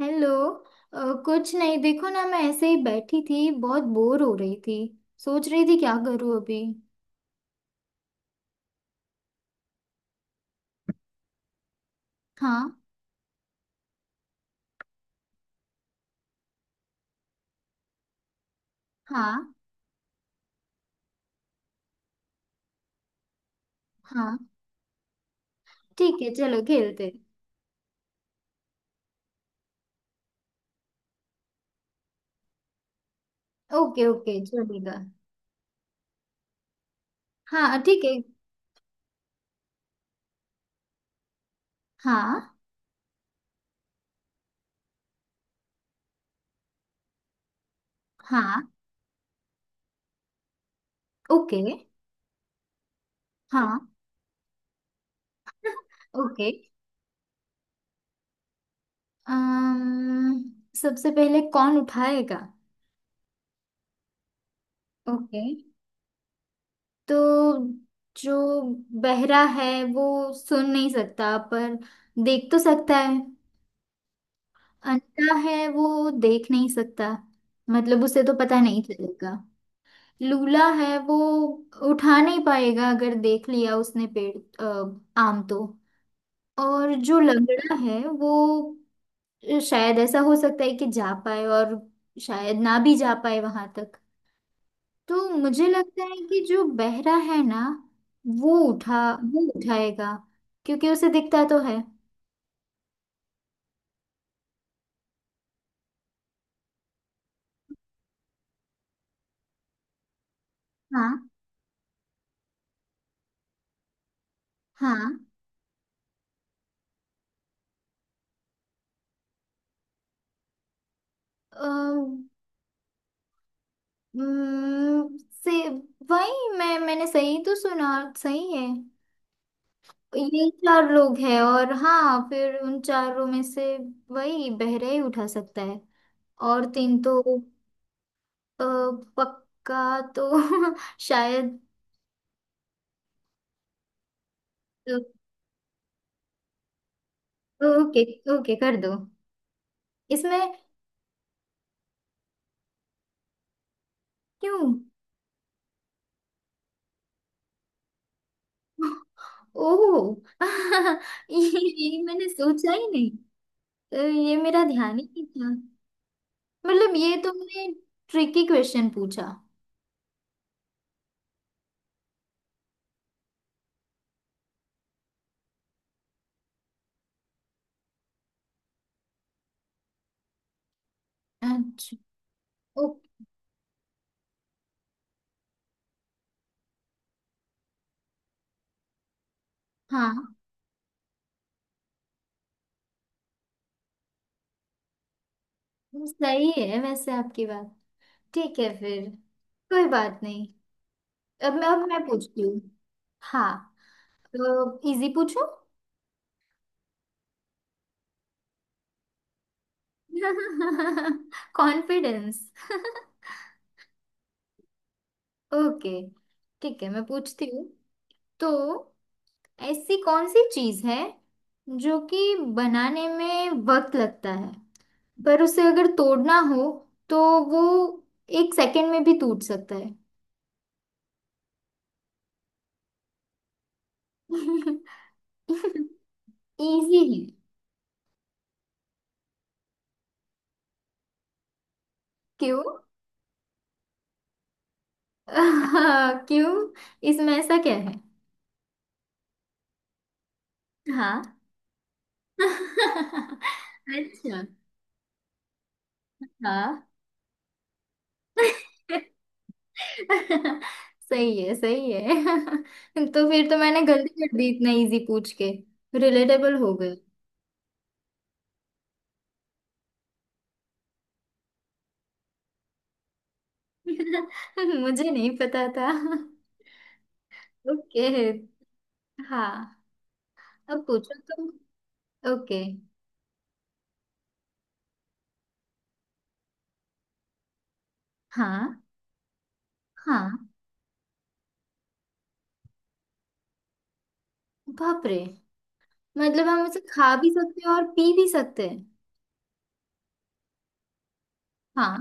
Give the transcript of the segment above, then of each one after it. Hello. कुछ नहीं, देखो ना, मैं ऐसे ही बैठी थी, बहुत बोर हो रही थी। सोच रही थी क्या करूँ अभी। हाँ। हाँ। हाँ, ठीक है, चलो खेलते हैं। ओके ओके, चलेगा। हाँ ठीक है। हाँ। हाँ। ओके। हाँ। ओके। अम्म सबसे पहले कौन उठाएगा? ओके। तो जो बहरा है वो सुन नहीं सकता, पर देख तो सकता है। अंधा है वो देख नहीं सकता, मतलब उसे तो पता नहीं चलेगा। लूला है वो उठा नहीं पाएगा अगर देख लिया उसने पेड़ आम तो। और जो लंगड़ा है वो शायद ऐसा हो सकता है कि जा पाए, और शायद ना भी जा पाए वहां तक। तो मुझे लगता है कि जो बहरा है ना, वो उठा वो उठाएगा, क्योंकि उसे दिखता तो है। हाँ। हाँ। हम्म, से वही मैंने सही तो सुना। सही है। ये चार लोग हैं और हाँ, फिर उन चारों में से वही बहरा ही उठा सकता है और तीन तो। अ, पक्का तो शायद। ओके। ओके कर दो इसमें। क्यों? ओह ये मैंने सोचा ही नहीं। ये मेरा ध्यान ही नहीं था। मतलब ये तुमने ट्रिकी क्वेश्चन पूछा। अच्छा। हाँ, सही है वैसे आपकी बात। ठीक है फिर, कोई बात नहीं। अब मैं पूछती हूँ। हाँ। तो इजी पूछूं? कॉन्फिडेंस। ओके, ठीक है मैं पूछती हूँ। तो ऐसी कौन सी चीज है जो कि बनाने में वक्त लगता है, पर उसे अगर तोड़ना हो तो वो एक सेकंड में भी टूट सकता है? इजी है। क्यों? क्यों, इसमें ऐसा क्या है? हाँ। अच्छा। हाँ। सही है, सही है तो फिर तो मैंने गलती कर दी इतना इजी पूछ के। रिलेटेबल हो गई। मुझे नहीं पता था। ओके। हाँ, अब पूछो तुम। ओके। हाँ हाँ। बाप रे। मतलब हम उसे खा भी सकते हैं और पी भी सकते हैं? हाँ।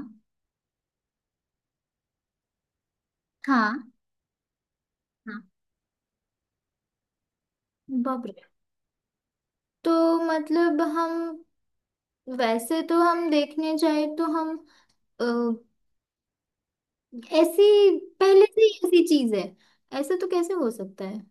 हाँ। हाँ। बाप। तो मतलब हम, वैसे तो हम देखने जाए तो हम अ, ऐसी पहले से ही ऐसी चीज है? ऐसा तो कैसे हो सकता है?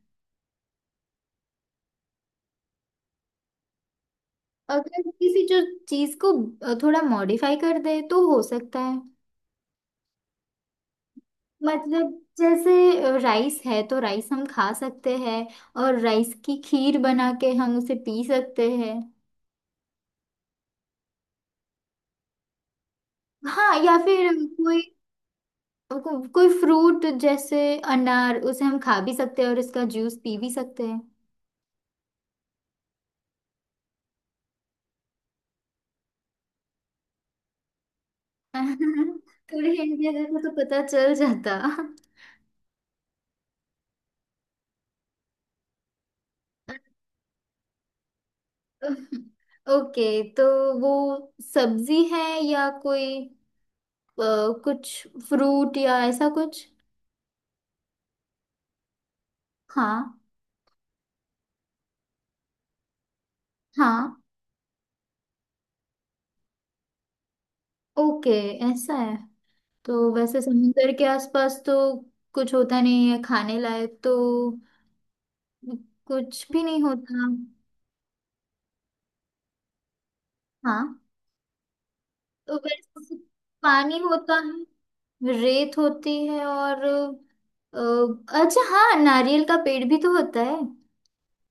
अगर किसी जो चीज को थोड़ा मॉडिफाई कर दे तो हो सकता है। मतलब जैसे राइस है तो राइस हम खा सकते हैं और राइस की खीर बना के हम उसे पी सकते हैं। हाँ, या फिर कोई कोई फ्रूट जैसे अनार, उसे हम खा भी सकते हैं और इसका जूस पी भी सकते हैं। थोड़ी हिंट दिया जाता तो पता चल जाता। ओके। तो वो सब्जी है या कोई अ, कुछ फ्रूट या ऐसा कुछ? हाँ। हाँ। ओके, ऐसा है? तो वैसे समुंदर के आसपास तो कुछ होता नहीं है खाने लायक, तो कुछ भी नहीं होता। हाँ। तो वैसे पानी होता है, रेत होती है और अच्छा हाँ, नारियल का पेड़ भी तो होता है।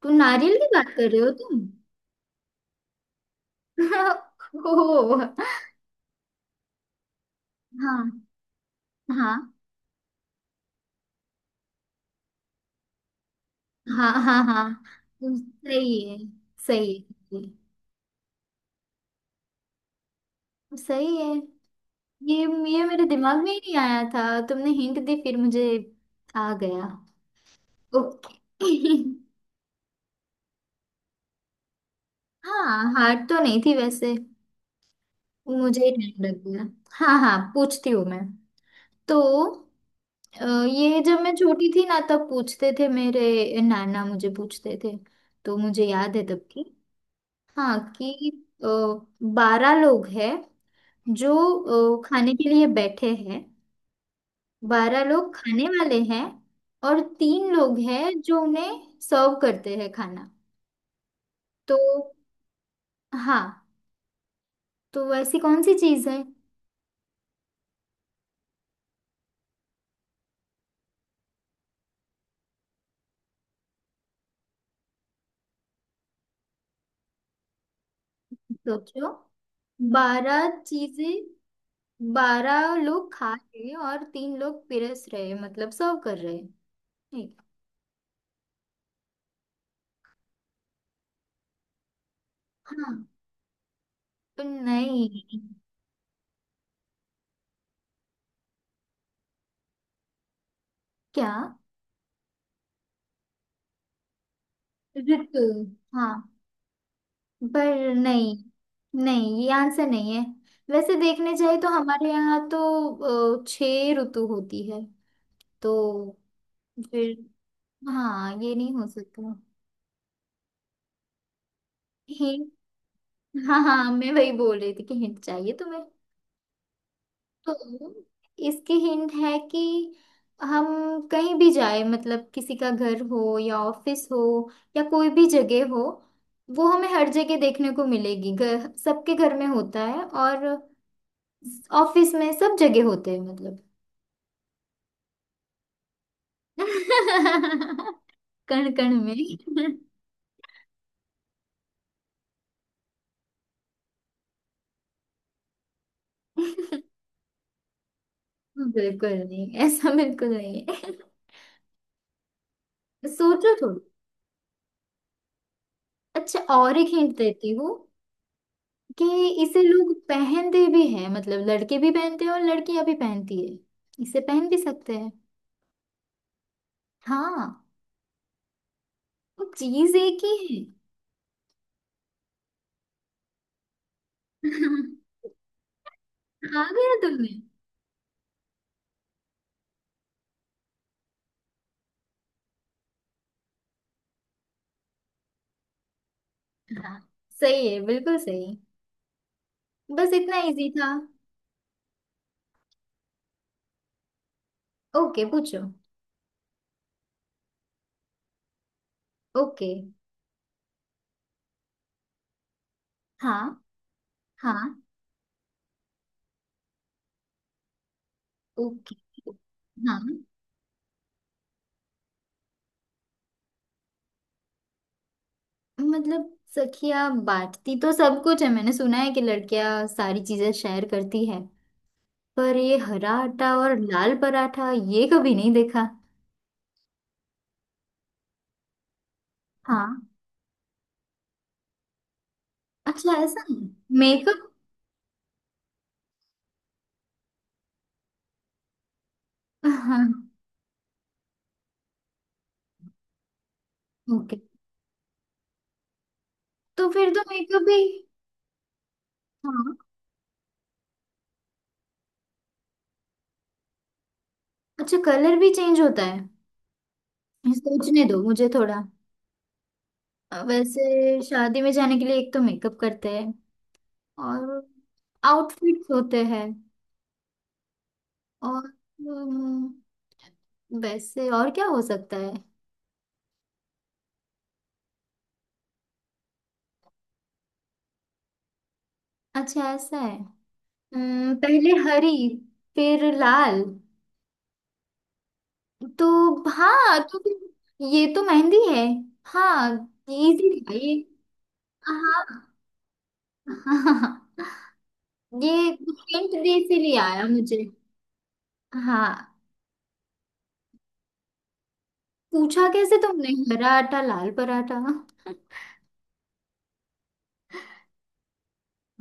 तुम नारियल की बात कर रहे हो तुम? ओ। हाँ हाँ हाँ। हाँ। हाँ, सही है, सही है। सही है। ये ये मेरे दिमाग में ही नहीं आया था, तुमने हिंट दी फिर मुझे आ गया। ओके। हाँ, हार्ड तो नहीं थी वैसे, मुझे ही टाइम लग गया। हाँ हाँ, पूछती हूँ मैं। तो ये जब मैं छोटी थी ना तब पूछते थे, मेरे नाना मुझे पूछते थे, तो मुझे याद है तब की। हाँ कि बारह लोग हैं जो खाने के लिए बैठे हैं, बारह लोग खाने वाले हैं, और तीन लोग हैं जो उन्हें सर्व करते हैं खाना। तो हाँ, तो ऐसी कौन सी चीज है? सोचो। बारह चीजें। बारह लोग खा रहे हैं और तीन लोग पिरस रहे हैं, मतलब सर्व कर रहे हैं। हाँ। नहीं। क्या? ऋतु। हाँ, पर नहीं। नहीं, ये आंसर नहीं है। वैसे देखने जाए तो हमारे यहाँ तो छह ऋतु होती है, तो फिर। हाँ, ये नहीं हो सकता। हिंट? हाँ हाँ, मैं वही बोल रही थी कि हिंट चाहिए तुम्हें। तो इसके हिंट है कि हम कहीं भी जाए मतलब किसी का घर हो या ऑफिस हो या कोई भी जगह हो, वो हमें हर जगह देखने को मिलेगी। घर सबके घर में होता है, और ऑफिस में सब जगह होते हैं मतलब। कण कण में। बिल्कुल नहीं, ऐसा बिल्कुल नहीं है। सोचो थोड़ा। अच्छा, और एक हिंट देती हूँ कि इसे लोग पहनते भी हैं, मतलब लड़के भी पहनते हैं और लड़कियां भी पहनती है। इसे पहन भी सकते हैं। हाँ। वो चीज एक ही है। आ गया तुम्हें? हाँ, सही है, बिल्कुल सही। बस इतना इजी था। ओके पूछो। ओके। हाँ हाँ। ओके। हाँ। मतलब सखियाँ बांटती तो सब कुछ है, मैंने सुना है कि लड़कियाँ सारी चीजें शेयर करती है, पर ये हरा आटा और लाल पराठा ये कभी नहीं देखा। हाँ। अच्छा, ऐसा है? मेकअप? हाँ। ओके। तो फिर तो मेकअप भी? हाँ। अच्छा, कलर भी चेंज होता है? सोचने दो मुझे थोड़ा। वैसे शादी में जाने के लिए एक तो मेकअप करते हैं और आउटफिट्स होते हैं, और वैसे और क्या हो सकता है? अच्छा ऐसा है। पहले हरी फिर लाल, तो हाँ तो फिर ये तो मेहंदी है। हाँ। इजी था ये। हाँ। ये हिंट दे इसीलिए आया मुझे। हाँ। पूछा कैसे तुमने, हरा आटा लाल पराठा।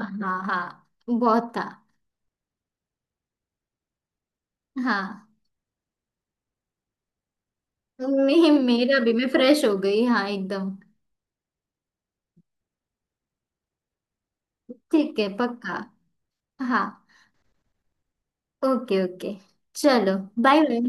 हाँ हाँ, बहुत था। हाँ मेरा भी, मैं फ्रेश हो गई हाँ एकदम। ठीक है पक्का। हाँ। ओके ओके, चलो, बाय बाय।